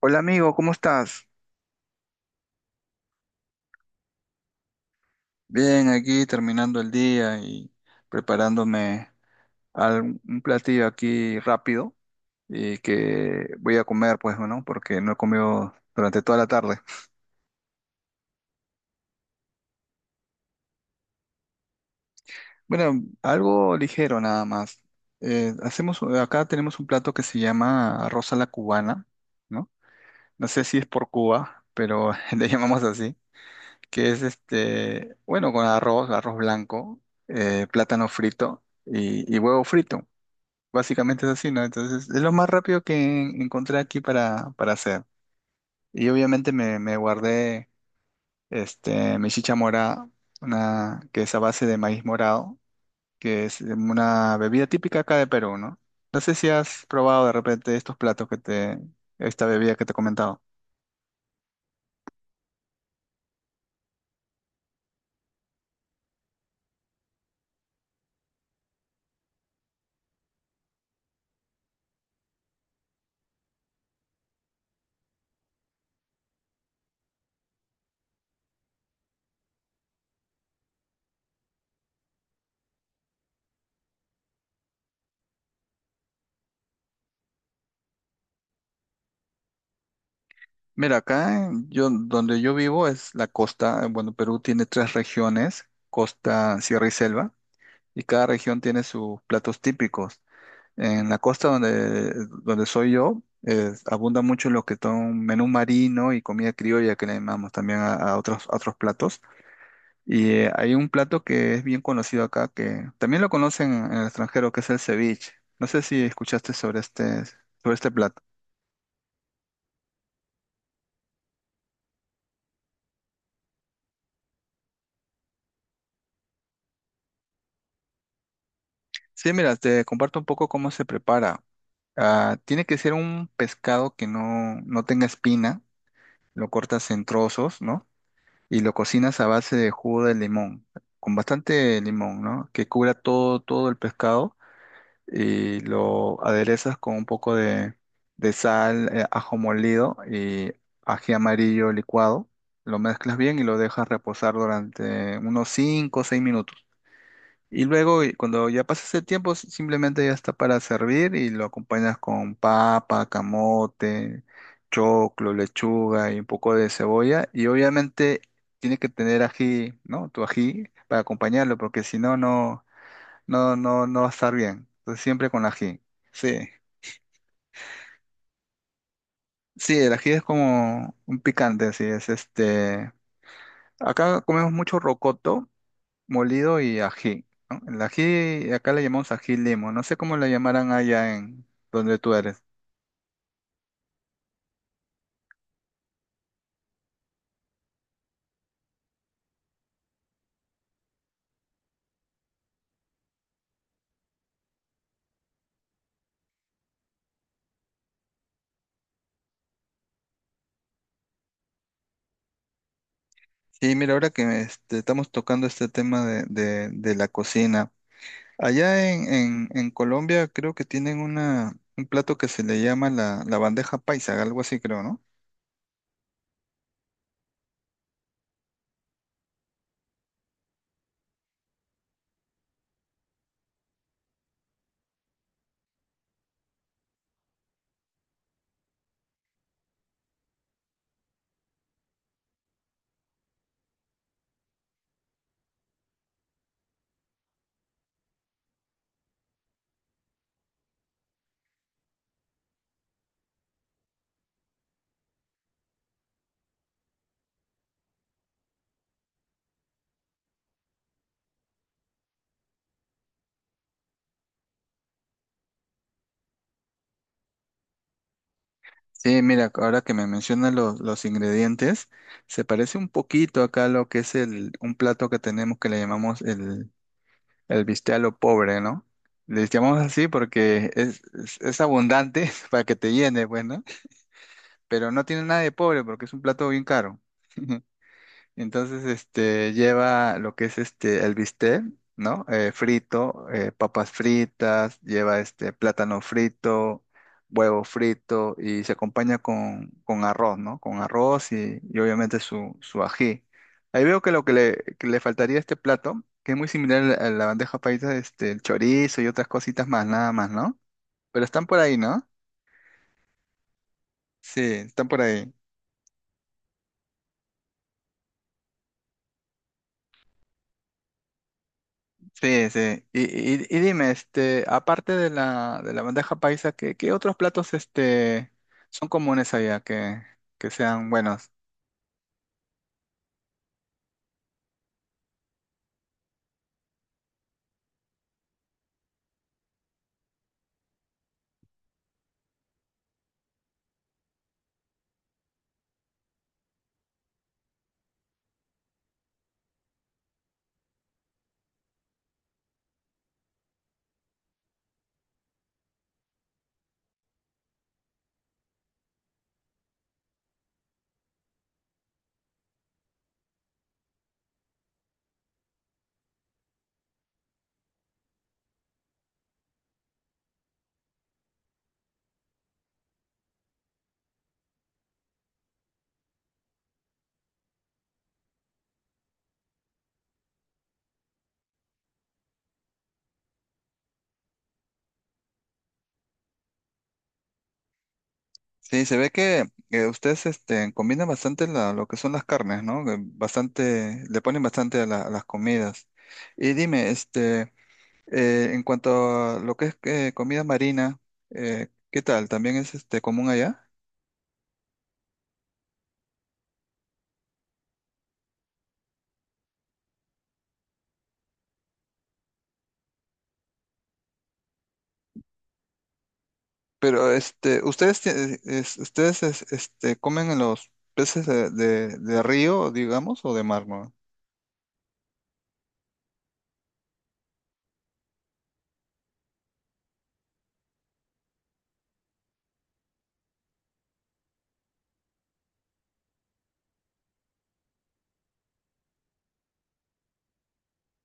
Hola amigo, ¿cómo estás? Bien, aquí terminando el día y preparándome un platillo aquí rápido y que voy a comer, pues, ¿no? Porque no he comido durante toda la tarde. Bueno, algo ligero nada más. Acá tenemos un plato que se llama arroz a la cubana, ¿no? No sé si es por Cuba, pero le llamamos así, que es este, bueno, con arroz blanco, plátano frito y huevo frito. Básicamente es así, ¿no? Entonces, es lo más rápido que encontré aquí para hacer. Y obviamente me guardé este, mi chicha mora, una, que es a base de maíz morado, que es una bebida típica acá de Perú, ¿no? No sé si has probado de repente estos platos que te, esta bebida que te he comentado. Mira, yo, donde yo vivo es la costa. Bueno, Perú tiene tres regiones, costa, sierra y selva, y cada región tiene sus platos típicos. En la donde soy yo, abunda mucho lo que son menú marino y comida criolla que le llamamos también a otros platos. Y hay un plato que es bien conocido acá, que también lo conocen en el extranjero, que es el ceviche. No sé si escuchaste sobre este plato. Sí, mira, te comparto un poco cómo se prepara. Ah, tiene que ser un pescado que no tenga espina, lo cortas en trozos, ¿no? Y lo cocinas a base de jugo de limón, con bastante limón, ¿no? Que cubra todo el pescado y lo aderezas con un poco de sal, ajo molido y ají amarillo licuado. Lo mezclas bien y lo dejas reposar durante unos 5 o 6 minutos. Y luego, cuando ya pasas el tiempo, simplemente ya está para servir y lo acompañas con papa, camote, choclo, lechuga y un poco de cebolla. Y obviamente tiene que tener ají, ¿no? Tu ají para acompañarlo, porque si no, no va a estar bien. Entonces siempre con ají. Sí. Sí, el ají es como un picante, así es. Este, acá comemos mucho rocoto molido y ají, ¿no? El ají, acá le llamamos ají limo, no sé cómo le llamarán allá en donde tú eres. Sí, mira, ahora que este, estamos tocando este tema de la cocina, allá en Colombia creo que tienen un plato que se le llama la bandeja paisa, algo así creo, ¿no? Sí, mira, ahora que me mencionas los ingredientes, se parece un poquito acá a lo que es el, un plato que tenemos que le llamamos el bistec a lo pobre, ¿no? Les llamamos así porque es abundante para que te llene, pues, ¿no? Pero no tiene nada de pobre porque es un plato bien caro. Entonces, este, lleva lo que es este, el bistec, ¿no? Frito, papas fritas, lleva este, plátano frito, huevo frito y se acompaña con arroz, ¿no? Con arroz y obviamente su ají. Ahí veo que lo que que le faltaría a este plato, que es muy similar a la bandeja paisa, este, el chorizo y otras cositas más, nada más, ¿no? Pero están por ahí, ¿no? Sí, están por ahí. Sí, sí. Y dime, este, aparte de de la bandeja paisa, ¿qué otros platos este, son comunes allá que sean buenos? Sí, se ve que ustedes este, combinan bastante lo que son las carnes, ¿no? Que bastante, le ponen bastante a las comidas. Y dime, este, en cuanto a lo que es comida marina, ¿qué tal? ¿También es este, común allá? Pero este, ustedes este comen en los peces de río, digamos, o de mar, ¿no?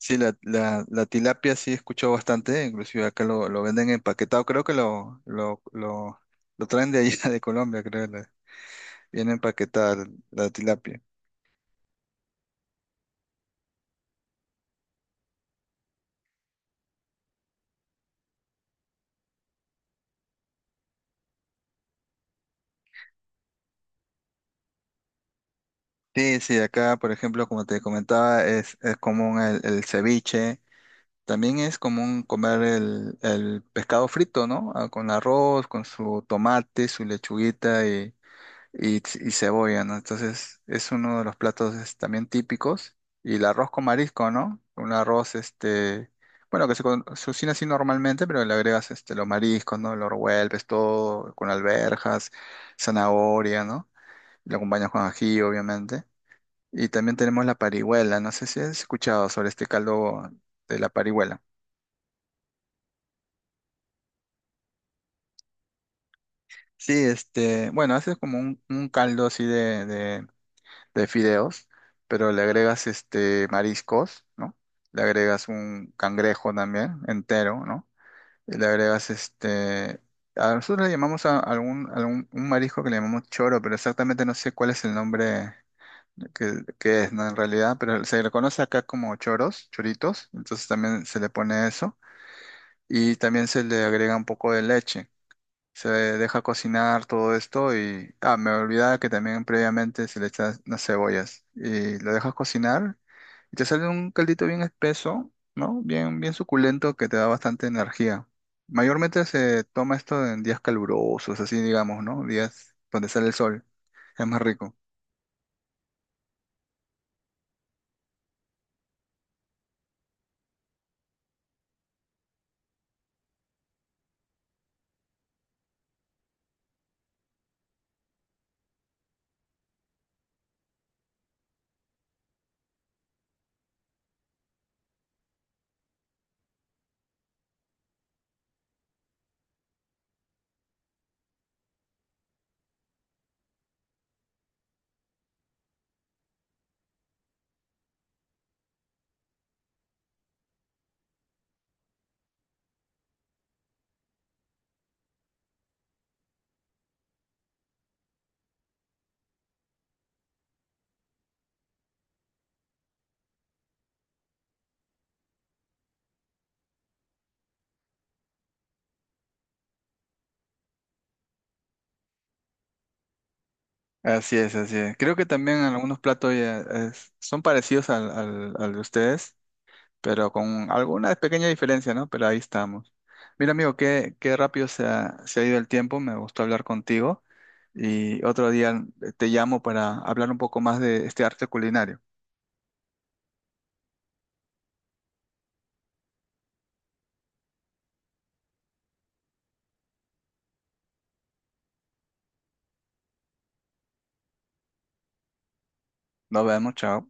Sí, la tilapia sí he escuchado bastante, inclusive acá lo venden empaquetado, creo que lo traen de allá de Colombia, creo, viene empaquetada la tilapia. Sí, sí, acá, por ejemplo, como te comentaba, es común el ceviche, también es común comer el pescado frito, ¿no? Ah, con arroz, con su tomate, su lechuguita y cebolla, ¿no? Entonces es uno de los platos es, también típicos. Y el arroz con marisco, ¿no? Un arroz, este, bueno, se cocina así normalmente, pero le agregas este, los mariscos, ¿no? Lo revuelves todo con alverjas zanahoria, ¿no? Lo acompañas con ají, obviamente. Y también tenemos la parihuela, no sé si has escuchado sobre este caldo de la parihuela. Sí, este, bueno, haces como un caldo así de fideos, pero le agregas este mariscos, ¿no? Le agregas un cangrejo también entero, ¿no? Y le agregas este a nosotros le llamamos a algún un marisco que le llamamos choro, pero exactamente no sé cuál es el nombre que es, ¿no? En realidad, pero se le conoce acá como choros, choritos, entonces también se le pone eso y también se le agrega un poco de leche, se deja cocinar todo esto y, ah, me olvidaba que también previamente se le echas unas cebollas y lo dejas cocinar y te sale un caldito bien espeso, ¿no? Bien, bien suculento que te da bastante energía. Mayormente se toma esto en días calurosos, así digamos, ¿no? Días donde sale el sol. Es más rico. Así es, así es. Creo que también algunos platos ya son parecidos al de ustedes. Pero con algunas pequeñas diferencias, ¿no? Pero ahí estamos. Mira, amigo, qué rápido se ha ido el tiempo, me gustó hablar contigo y otro día te llamo para hablar un poco más de este arte culinario. Nos vemos, chao.